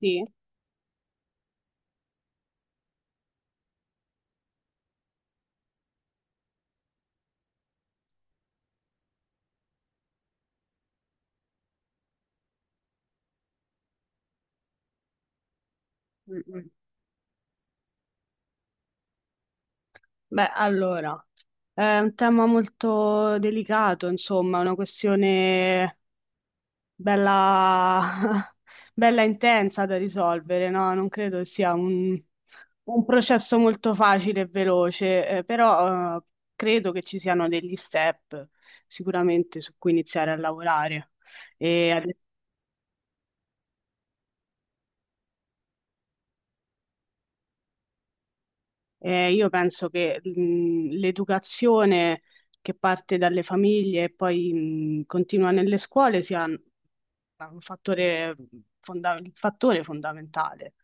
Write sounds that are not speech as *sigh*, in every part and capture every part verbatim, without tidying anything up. Sì. Mm, mm. Beh, allora, è un tema molto delicato, insomma, una questione bella, *laughs* bella intensa da risolvere, no? Non credo che sia un, un processo molto facile e veloce, eh, però, eh, credo che ci siano degli step sicuramente su cui iniziare a lavorare. E ad Eh, io penso che mh, l'educazione che parte dalle famiglie e poi mh, continua nelle scuole sia un un fattore, fonda- un fattore fondamentale.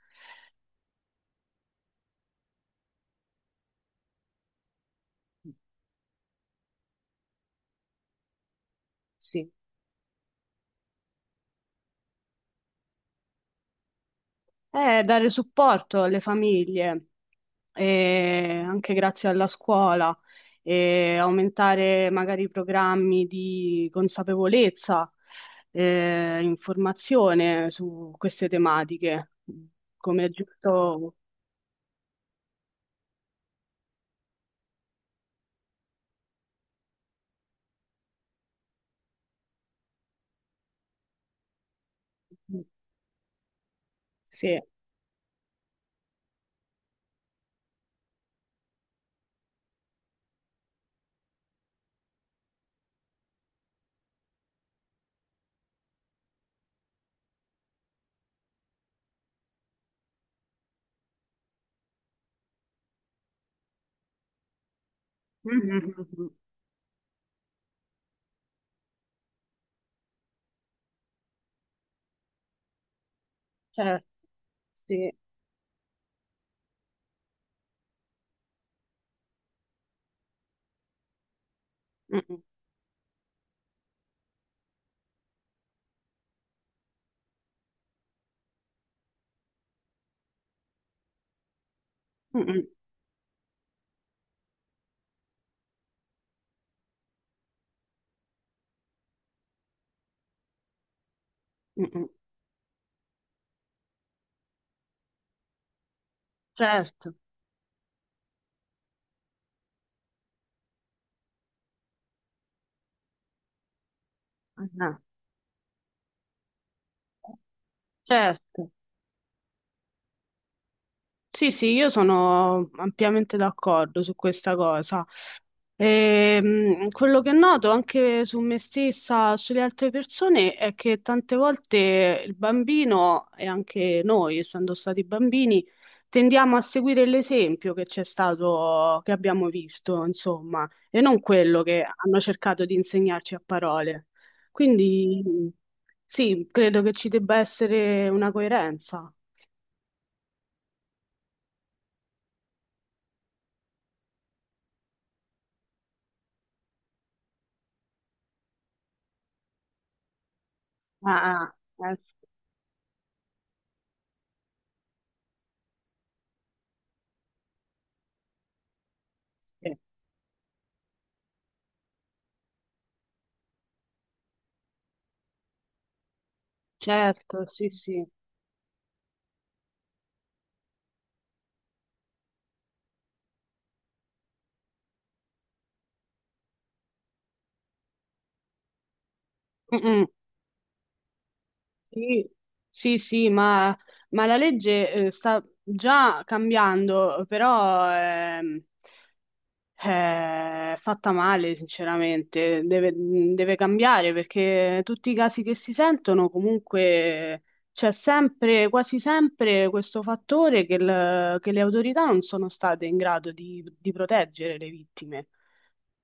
Sì. Eh, dare supporto alle famiglie, eh, anche grazie alla scuola, e aumentare magari i programmi di consapevolezza, eh, informazione su queste tematiche, come è giusto. Sì. Mhm. Certo, sì. Mm-mm. Mm-mm. Mm-mm. Certo. Ah, no. Certo. Sì, sì, io sono ampiamente d'accordo su questa cosa. Ehm, quello che noto anche su me stessa, sulle altre persone, è che tante volte il bambino e anche noi, essendo stati bambini, tendiamo a seguire l'esempio che c'è stato, che abbiamo visto, insomma, e non quello che hanno cercato di insegnarci a parole. Quindi sì, credo che ci debba essere una coerenza. Ah, ah, eh, sì. Certo, sì, sì. Mm-mm. Sì, sì, sì, ma, ma la legge eh, sta già cambiando, però ehm, eh, è fatta male, sinceramente. Deve, mm, deve cambiare perché tutti i casi che si sentono, comunque c'è sempre, quasi sempre, questo fattore che, il- che le autorità non sono state in grado di, di proteggere le vittime.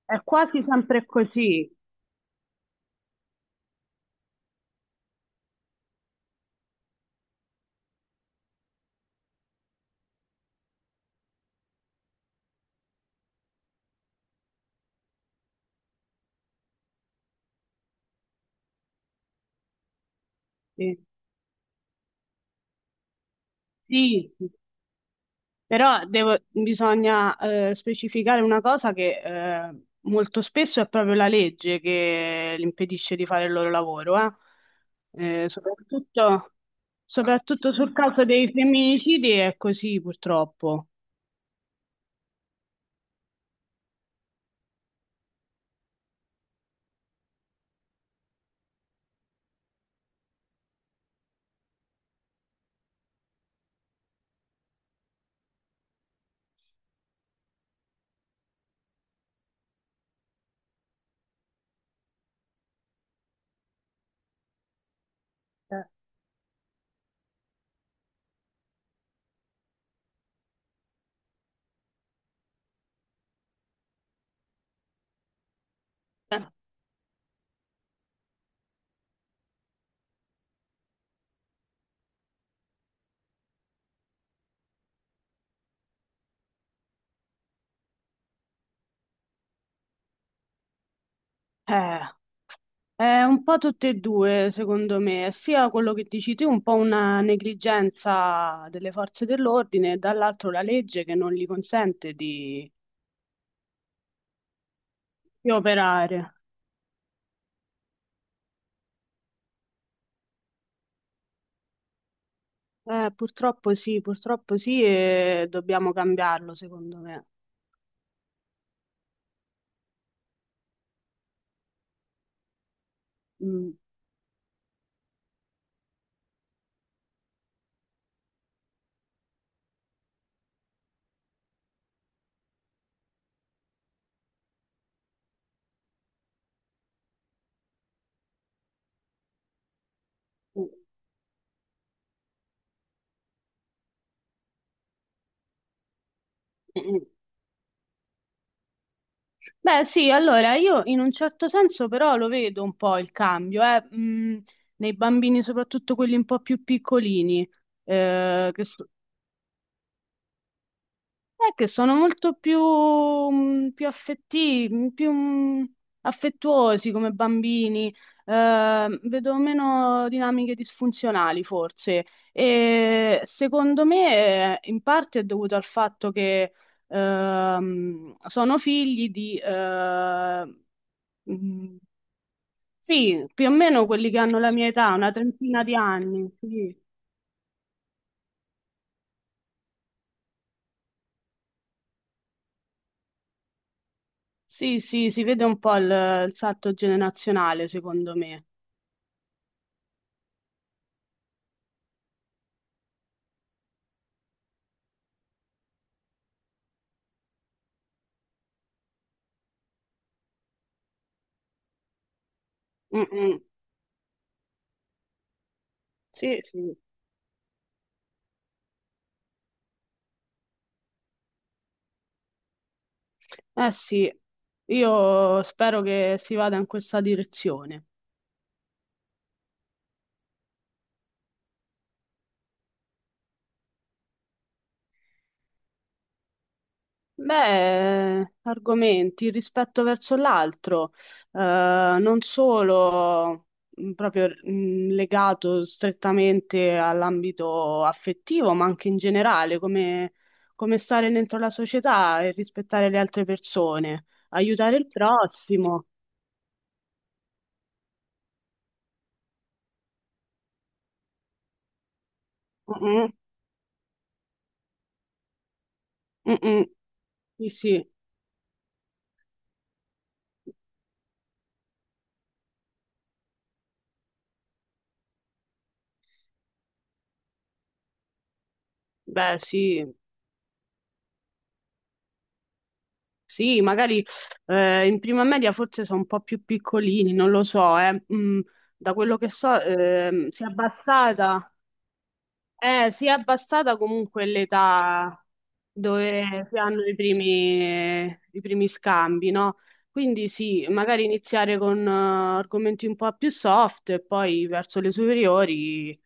È quasi sempre così. Sì, sì, sì. Però devo- bisogna eh, specificare una cosa che eh, molto spesso è proprio la legge che li impedisce di fare il loro lavoro, eh. Eh, soprattutto, soprattutto sul caso dei femminicidi è così purtroppo. Eh, eh, è un po' tutte e due, secondo me, sia quello che dici tu, un po' una negligenza delle forze dell'ordine, e dall'altro la legge che non gli consente di di operare. Eh, purtroppo sì, purtroppo sì, e dobbiamo cambiarlo, secondo me. Mm. Mm, mm. Beh, sì, allora io in un certo senso però lo vedo un po' il cambio, eh, mm, nei bambini, soprattutto quelli un po' più piccolini, eh, che s- È che sono molto più, mh, più affetti- più, mh, affettuosi come bambini, eh, vedo meno dinamiche disfunzionali forse. E secondo me eh, in parte è dovuto al fatto che ehm, sono figli di, eh, mh, sì, più o meno quelli che hanno la mia età, una trentina di anni. Sì, sì, sì, si vede un po' il il salto generazionale, secondo me. Mm-mm. Sì, sì. Eh sì, io spero che si vada in questa direzione. Beh, argomenti, il rispetto verso l'altro, eh, non solo mh, proprio mh, legato strettamente all'ambito affettivo, ma anche in generale, come, come stare dentro la società e rispettare le altre persone, aiutare il prossimo. Mm-mm, mm-mm. Sì, sì. Beh, sì. Sì, magari eh, in prima media forse sono un po' più piccolini, non lo so, eh. Mm, da quello che so ehm, si è abbassata, eh, si è abbassata comunque l'età dove si hanno i primi, i primi scambi, no? Quindi sì, magari iniziare con eh, argomenti un po' più soft e poi verso le superiori.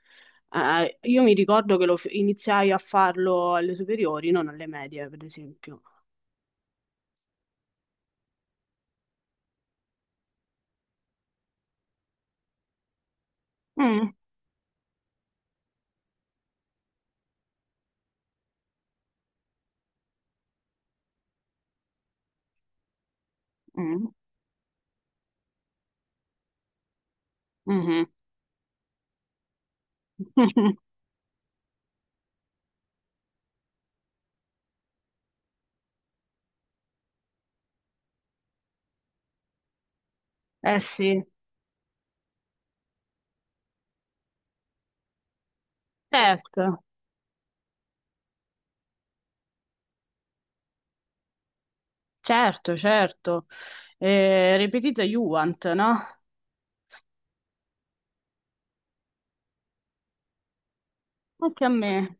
eh, io mi ricordo che lo f- iniziai a farlo alle superiori, non alle medie, per esempio. Mm, mm, mhm. *laughs* Eh sì, certo, certo, certo. Eh, ripetita Juant, no? Anche a me.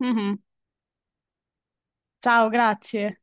Mhm. Ciao, grazie.